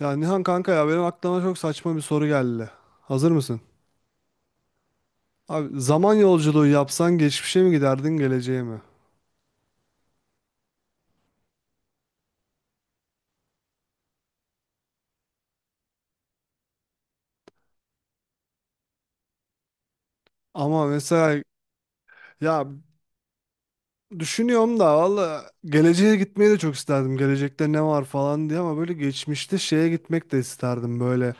Ya Nihan kanka ya benim aklıma çok saçma bir soru geldi. Hazır mısın? Abi zaman yolculuğu yapsan geçmişe mi giderdin geleceğe mi? Ama mesela ya düşünüyorum da valla geleceğe gitmeyi de çok isterdim. Gelecekte ne var falan diye ama böyle geçmişte şeye gitmek de isterdim. Böyle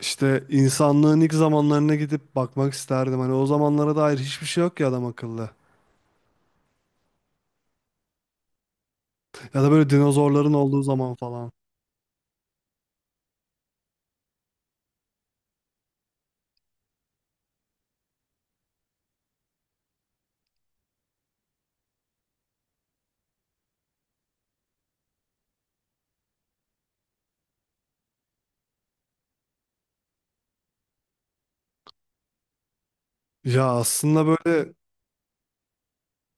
işte insanlığın ilk zamanlarına gidip bakmak isterdim. Hani o zamanlara dair hiçbir şey yok ya adam akıllı. Ya da böyle dinozorların olduğu zaman falan. Ya aslında böyle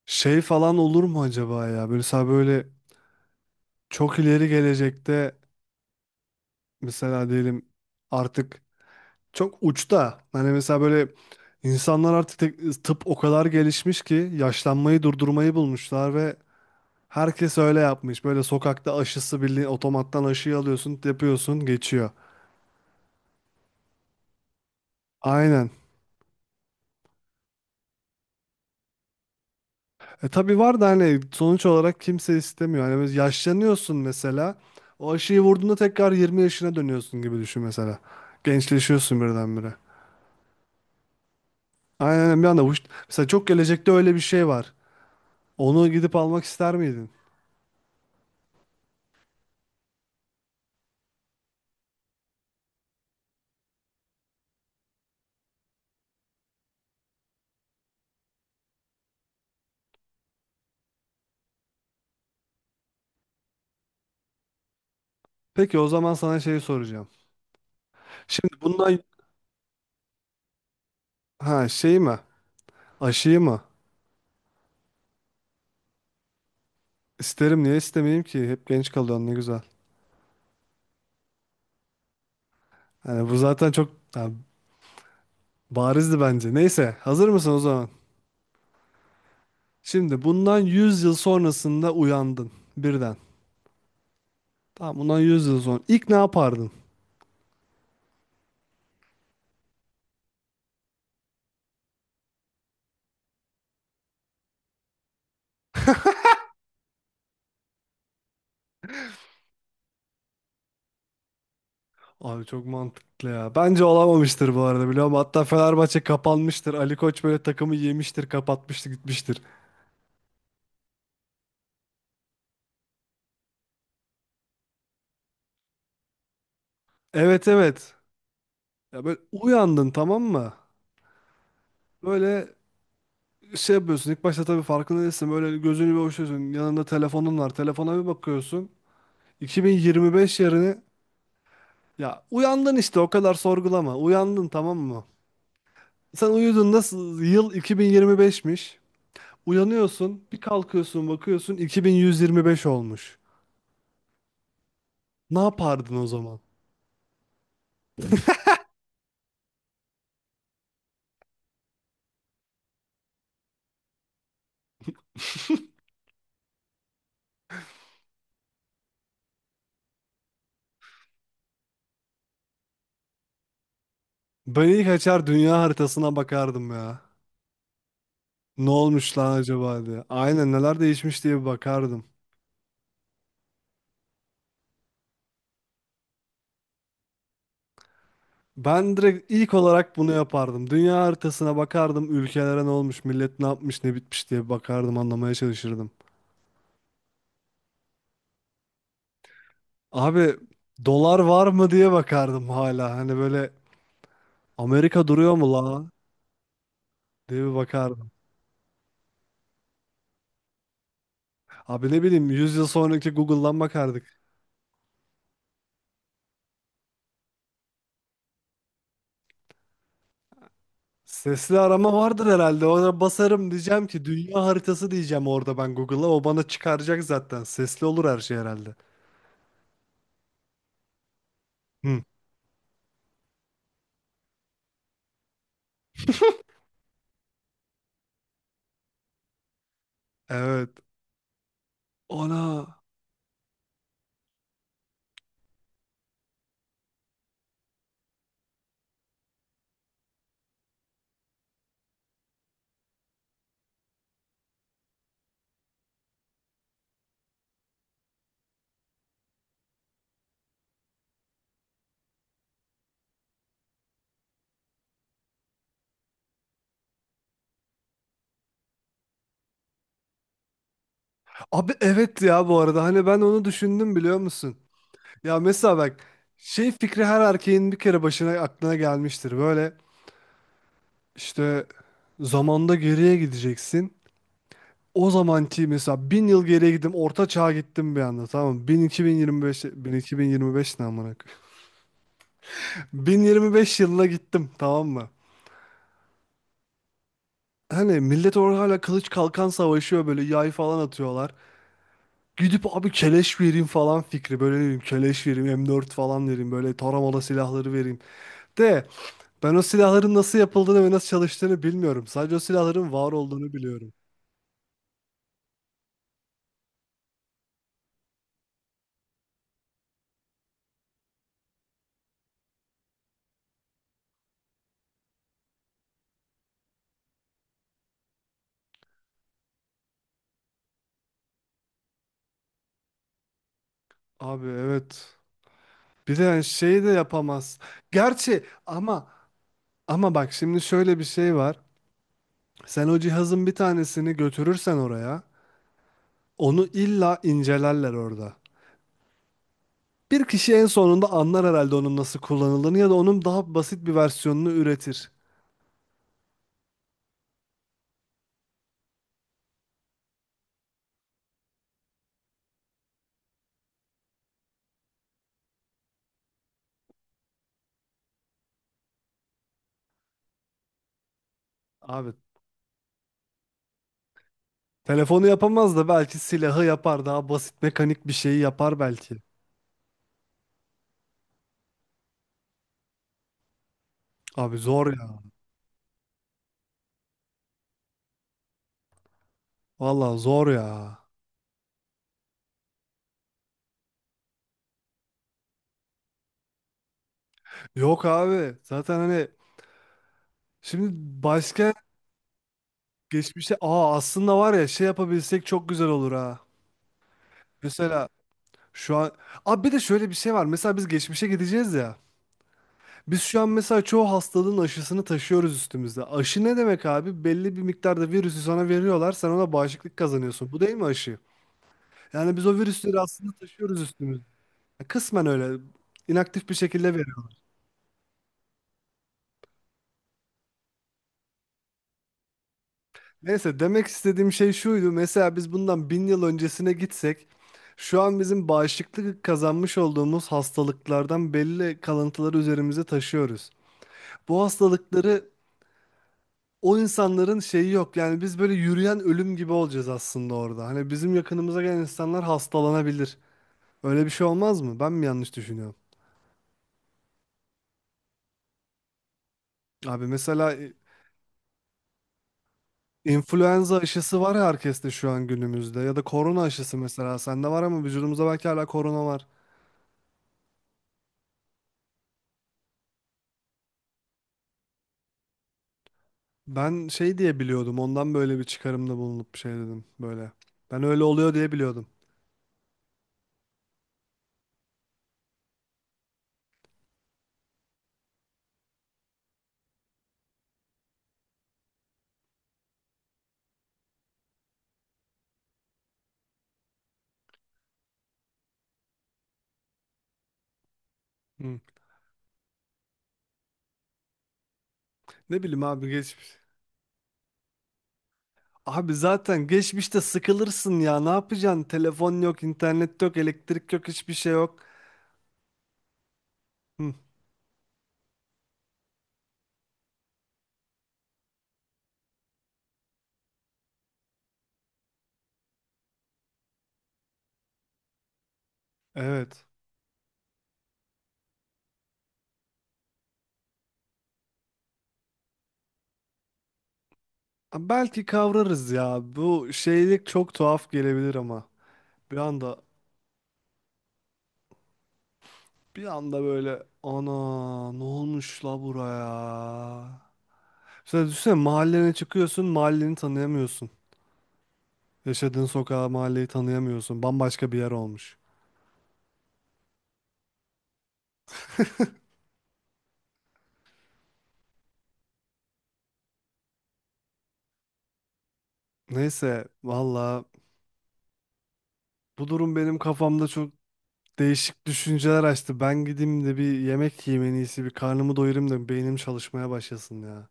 şey falan olur mu acaba ya? Böyle mesela böyle çok ileri gelecekte mesela diyelim artık çok uçta hani mesela böyle insanlar artık tıp o kadar gelişmiş ki yaşlanmayı durdurmayı bulmuşlar ve herkes öyle yapmış. Böyle sokakta aşısı bildiğin otomattan aşıyı alıyorsun, yapıyorsun, geçiyor. Aynen. E tabii var da hani sonuç olarak kimse istemiyor. Hani biz yaşlanıyorsun mesela. O aşıyı vurduğunda tekrar 20 yaşına dönüyorsun gibi düşün mesela. Gençleşiyorsun birdenbire. Aynen bir anda mesela çok gelecekte öyle bir şey var. Onu gidip almak ister miydin? Peki o zaman sana şeyi soracağım. Şimdi bundan ha şey mi? Aşıyı mı? İsterim niye istemeyeyim ki? Hep genç kalıyorsun ne güzel. Yani bu zaten çok barizdi bence. Neyse hazır mısın o zaman? Şimdi bundan 100 yıl sonrasında uyandın birden. Tamam bundan 100 yıl sonra. İlk ne yapardın? Abi çok mantıklı ya. Bence olamamıştır bu arada biliyor musun? Hatta Fenerbahçe kapanmıştır. Ali Koç böyle takımı yemiştir, kapatmıştır, gitmiştir. Evet, evet. Ya böyle uyandın, tamam mı? Böyle şey yapıyorsun. İlk başta tabii farkında değilsin. Böyle gözünü bir açıyorsun. Yanında telefonun var. Telefona bir bakıyorsun. 2025 yerine ya uyandın işte, o kadar sorgulama. Uyandın tamam mı? Sen uyudun nasıl? Yıl 2025'miş. Uyanıyorsun, bir kalkıyorsun, bakıyorsun 2125 olmuş. Ne yapardın o zaman? Ben ilk açar dünya haritasına bakardım ya. Ne olmuş lan acaba diye. Aynen neler değişmiş diye bir bakardım. Ben direkt ilk olarak bunu yapardım. Dünya haritasına bakardım, ülkelere ne olmuş, millet ne yapmış, ne bitmiş diye bakardım, anlamaya çalışırdım. Abi dolar var mı diye bakardım hala. Hani böyle Amerika duruyor mu la diye bir bakardım. Abi ne bileyim 100 yıl sonraki Google'dan bakardık. Sesli arama vardır herhalde. Ona basarım diyeceğim ki dünya haritası diyeceğim orada ben Google'a. O bana çıkaracak zaten. Sesli olur her şey herhalde. Hı. Evet. Ona. Abi evet ya, bu arada hani ben onu düşündüm biliyor musun? Ya mesela bak şey fikri her erkeğin bir kere başına aklına gelmiştir. Böyle işte zamanda geriye gideceksin. O zamanki mesela bin yıl geriye gittim, orta çağa gittim bir anda tamam mı? 1000 2025 1000 2025 ne amına koyayım? 1025 yılına gittim tamam mı? Hani millet orada hala kılıç kalkan savaşıyor, böyle yay falan atıyorlar. Gidip abi keleş vereyim falan fikri. Böyle ne bileyim keleş vereyim, M4 falan vereyim. Böyle taramalı silahları vereyim. De ben o silahların nasıl yapıldığını ve nasıl çalıştığını bilmiyorum. Sadece o silahların var olduğunu biliyorum. Abi evet. Bir de yani şeyi de yapamaz. Gerçi ama bak şimdi şöyle bir şey var. Sen o cihazın bir tanesini götürürsen oraya, onu illa incelerler orada. Bir kişi en sonunda anlar herhalde onun nasıl kullanıldığını ya da onun daha basit bir versiyonunu üretir. Abi telefonu yapamaz da belki silahı yapar, daha basit mekanik bir şeyi yapar belki. Abi zor ya. Valla zor ya. Yok abi. Zaten hani şimdi başka geçmişe aslında var ya şey yapabilsek çok güzel olur ha. Mesela şu an abi bir de şöyle bir şey var. Mesela biz geçmişe gideceğiz ya. Biz şu an mesela çoğu hastalığın aşısını taşıyoruz üstümüzde. Aşı ne demek abi? Belli bir miktarda virüsü sana veriyorlar. Sen ona bağışıklık kazanıyorsun. Bu değil mi aşı? Yani biz o virüsleri aslında taşıyoruz üstümüzde. Kısmen öyle inaktif bir şekilde. Neyse, demek istediğim şey şuydu. Mesela biz bundan bin yıl öncesine gitsek, şu an bizim bağışıklık kazanmış olduğumuz hastalıklardan belli kalıntıları üzerimize taşıyoruz. Bu hastalıkları o insanların şeyi yok. Yani biz böyle yürüyen ölüm gibi olacağız aslında orada. Hani bizim yakınımıza gelen insanlar hastalanabilir. Öyle bir şey olmaz mı? Ben mi yanlış düşünüyorum? Abi mesela influenza aşısı var ya herkeste şu an günümüzde ya da korona aşısı mesela sende var ama vücudumuzda belki hala korona var. Ben şey diye biliyordum. Ondan böyle bir çıkarımda bulunup bir şey dedim böyle. Ben öyle oluyor diye biliyordum. Hı. Ne bileyim abi geçmiş. Abi zaten geçmişte sıkılırsın ya. Ne yapacaksın? Telefon yok, internet yok, elektrik yok, hiçbir şey yok. Hı. Evet. Ha, belki kavrarız ya. Bu şeylik çok tuhaf gelebilir ama. Bir anda bir anda böyle ana, ne olmuş la buraya? Mesela düşünsene mahallene çıkıyorsun, mahalleni tanıyamıyorsun. Yaşadığın sokağı, mahalleyi tanıyamıyorsun. Bambaşka bir yer olmuş. Neyse, valla bu durum benim kafamda çok değişik düşünceler açtı. Ben gideyim de bir yemek yiyeyim en iyisi. Bir karnımı doyurayım da beynim çalışmaya başlasın ya.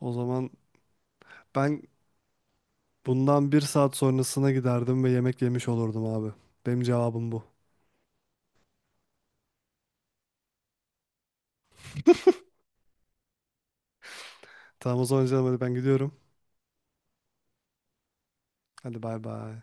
O zaman ben bundan bir saat sonrasına giderdim ve yemek yemiş olurdum abi. Benim cevabım bu. Tamam o zaman canım, hadi ben gidiyorum. Hadi bay bay.